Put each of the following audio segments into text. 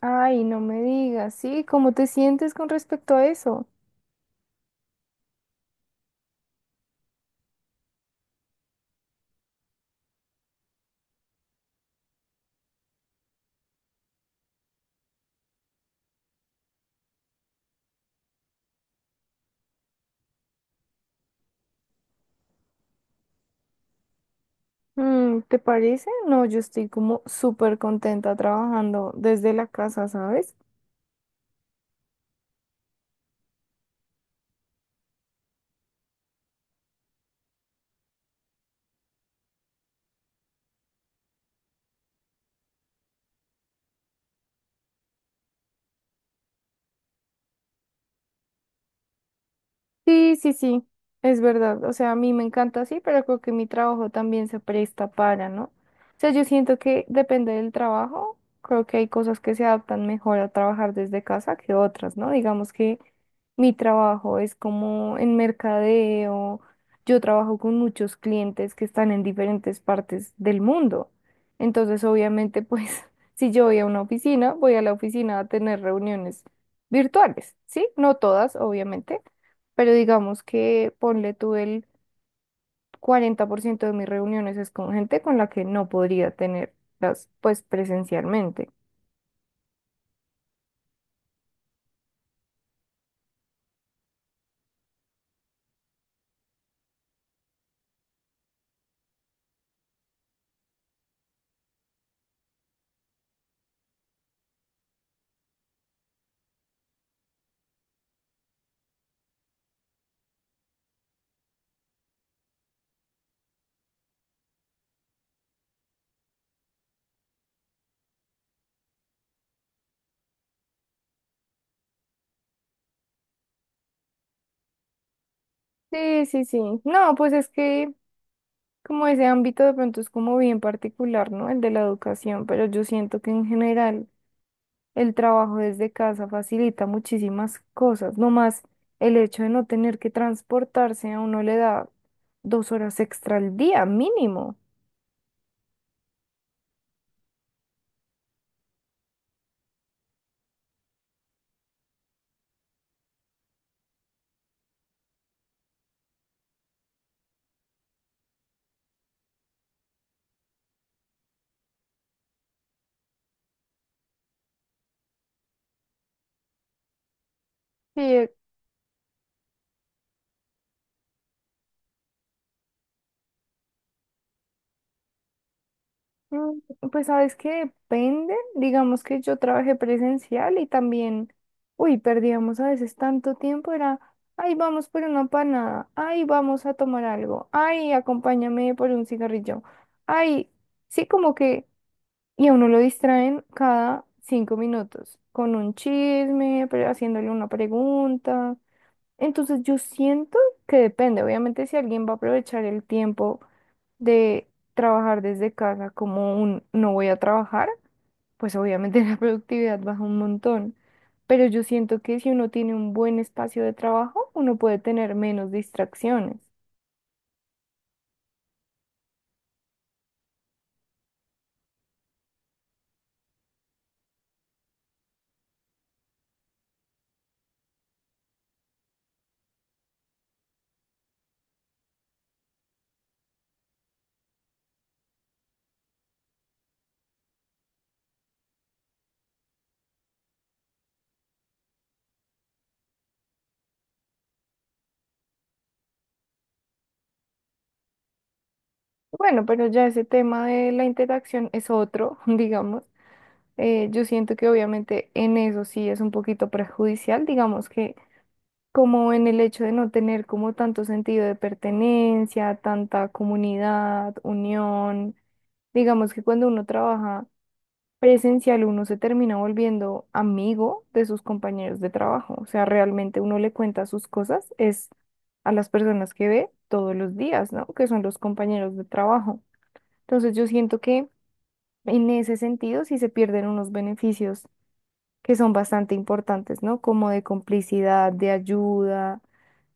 Ay, no me digas, ¿sí? ¿Cómo te sientes con respecto a eso? ¿Te parece? No, yo estoy como súper contenta trabajando desde la casa, ¿sabes? Sí, sí, sí, es verdad. O sea, a mí me encanta así, pero creo que mi trabajo también se presta para, ¿no? O sea, yo siento que depende del trabajo. Creo que hay cosas que se adaptan mejor a trabajar desde casa que otras, ¿no? Digamos que mi trabajo es como en mercadeo. Yo trabajo con muchos clientes que están en diferentes partes del mundo. Entonces, obviamente, pues, si yo voy a una oficina, voy a la oficina a tener reuniones virtuales, ¿sí? No todas, obviamente, pero digamos que ponle tú el 40% de mis reuniones es con gente con la que no podría tenerlas pues presencialmente. Sí, sí, sí. No, pues es que como ese ámbito de pronto es como bien particular, ¿no? El de la educación, pero yo siento que en general el trabajo desde casa facilita muchísimas cosas. No más el hecho de no tener que transportarse a uno le da 2 horas extra al día mínimo. Sí. Mm, Pues sabes que depende, digamos que yo trabajé presencial y también, uy, perdíamos a veces tanto tiempo, era, ay, vamos por una panada, ay, vamos a tomar algo, ay, acompáñame por un cigarrillo, ay, sí, como que, y a uno lo distraen cada 5 minutos con un chisme, haciéndole una pregunta. Entonces yo siento que depende, obviamente si alguien va a aprovechar el tiempo de trabajar desde casa como un no voy a trabajar, pues obviamente la productividad baja un montón. Pero yo siento que si uno tiene un buen espacio de trabajo, uno puede tener menos distracciones. Bueno, pero ya ese tema de la interacción es otro, digamos. Yo siento que obviamente en eso sí es un poquito perjudicial, digamos que como en el hecho de no tener como tanto sentido de pertenencia, tanta comunidad, unión. Digamos que cuando uno trabaja presencial uno se termina volviendo amigo de sus compañeros de trabajo. O sea, realmente uno le cuenta sus cosas, es a las personas que ve todos los días, ¿no? Que son los compañeros de trabajo. Entonces yo siento que en ese sentido sí se pierden unos beneficios que son bastante importantes, ¿no? Como de complicidad, de ayuda,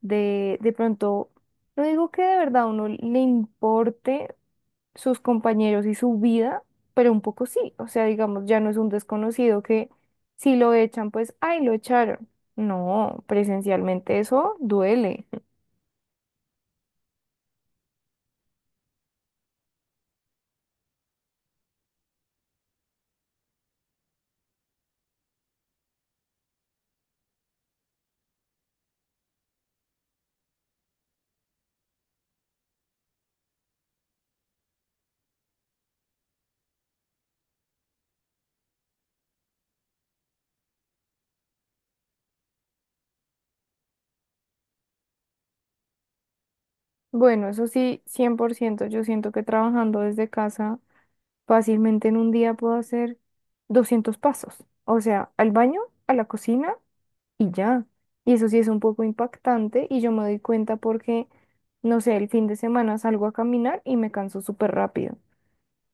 de pronto, no digo que de verdad uno le importe sus compañeros y su vida, pero un poco sí, o sea, digamos, ya no es un desconocido que si lo echan, pues, ay, lo echaron. No, presencialmente eso duele. Bueno, eso sí, 100%. Yo siento que trabajando desde casa, fácilmente en un día puedo hacer 200 pasos, o sea, al baño, a la cocina y ya. Y eso sí es un poco impactante y yo me doy cuenta porque, no sé, el fin de semana salgo a caminar y me canso súper rápido.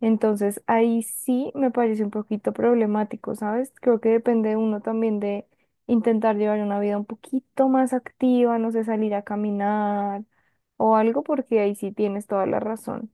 Entonces, ahí sí me parece un poquito problemático, ¿sabes? Creo que depende uno también de intentar llevar una vida un poquito más activa, no sé, salir a caminar o algo, porque ahí sí tienes toda la razón.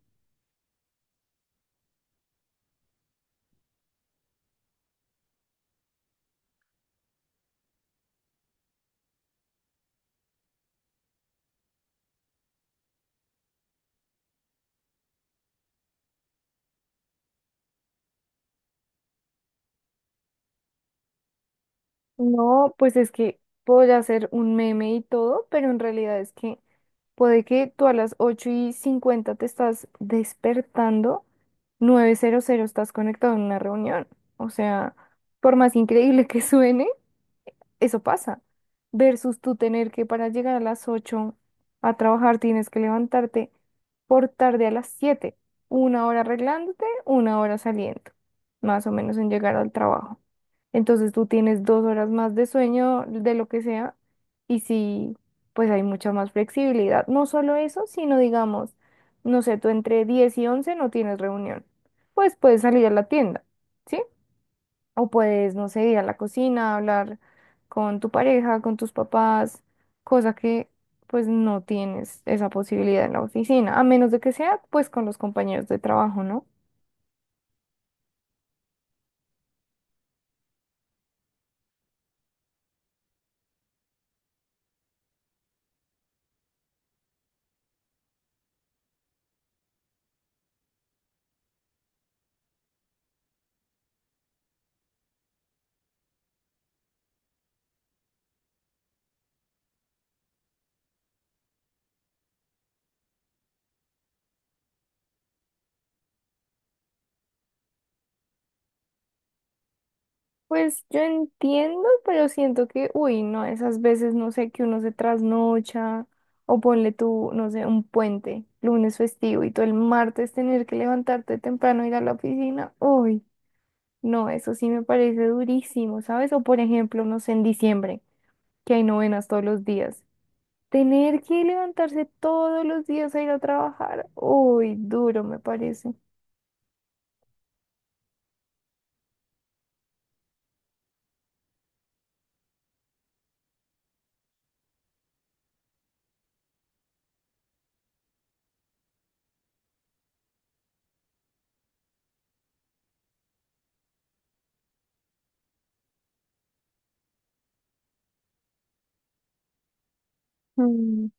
No, pues es que puedo hacer un meme y todo, pero en realidad es que puede que tú a las 8:50 te estás despertando, 9:00 estás conectado en una reunión. O sea, por más increíble que suene. Eso pasa. Versus tú tener que para llegar a las 8 a trabajar tienes que levantarte por tarde a las 7, una hora arreglándote, una hora saliendo, más o menos en llegar al trabajo. Entonces tú tienes 2 horas más de sueño, de lo que sea, y sí, pues hay mucha más flexibilidad. No solo eso, sino digamos, no sé, tú entre 10 y 11 no tienes reunión, pues puedes salir a la tienda, ¿sí? O puedes, no sé, ir a la cocina, hablar con tu pareja, con tus papás, cosa que pues no tienes esa posibilidad en la oficina, a menos de que sea pues con los compañeros de trabajo, ¿no? Pues yo entiendo, pero siento que, uy, no, esas veces, no sé, que uno se trasnocha o ponle tú, no sé, un puente, lunes festivo y tú el martes tener que levantarte temprano, ir a la oficina, uy, no, eso sí me parece durísimo, ¿sabes? O por ejemplo, no sé, en diciembre, que hay novenas todos los días. Tener que levantarse todos los días a ir a trabajar, uy, duro me parece. Mm,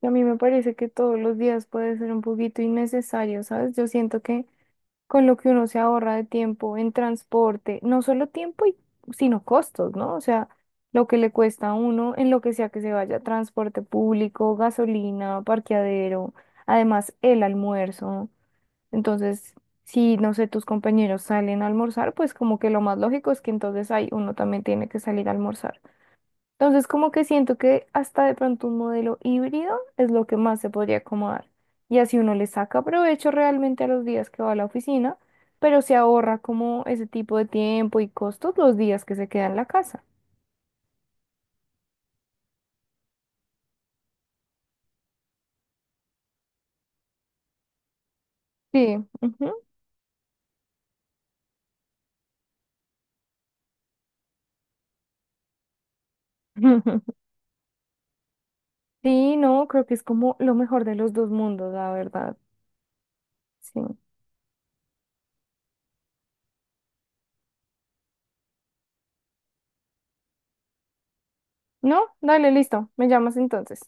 Y a mí me parece que todos los días puede ser un poquito innecesario, ¿sabes? Yo siento que con lo que uno se ahorra de tiempo en transporte, no solo tiempo, sino costos, ¿no? O sea, lo que le cuesta a uno en lo que sea que se vaya, transporte público, gasolina, parqueadero, además el almuerzo. Entonces, si, no sé, tus compañeros salen a almorzar, pues como que lo más lógico es que entonces ahí uno también tiene que salir a almorzar. Entonces, como que siento que hasta de pronto un modelo híbrido es lo que más se podría acomodar. Y así uno le saca provecho realmente a los días que va a la oficina, pero se ahorra como ese tipo de tiempo y costos los días que se queda en la casa. Sí, ujú. Sí, no, creo que es como lo mejor de los dos mundos, la verdad. Sí. No, dale, listo. Me llamas entonces.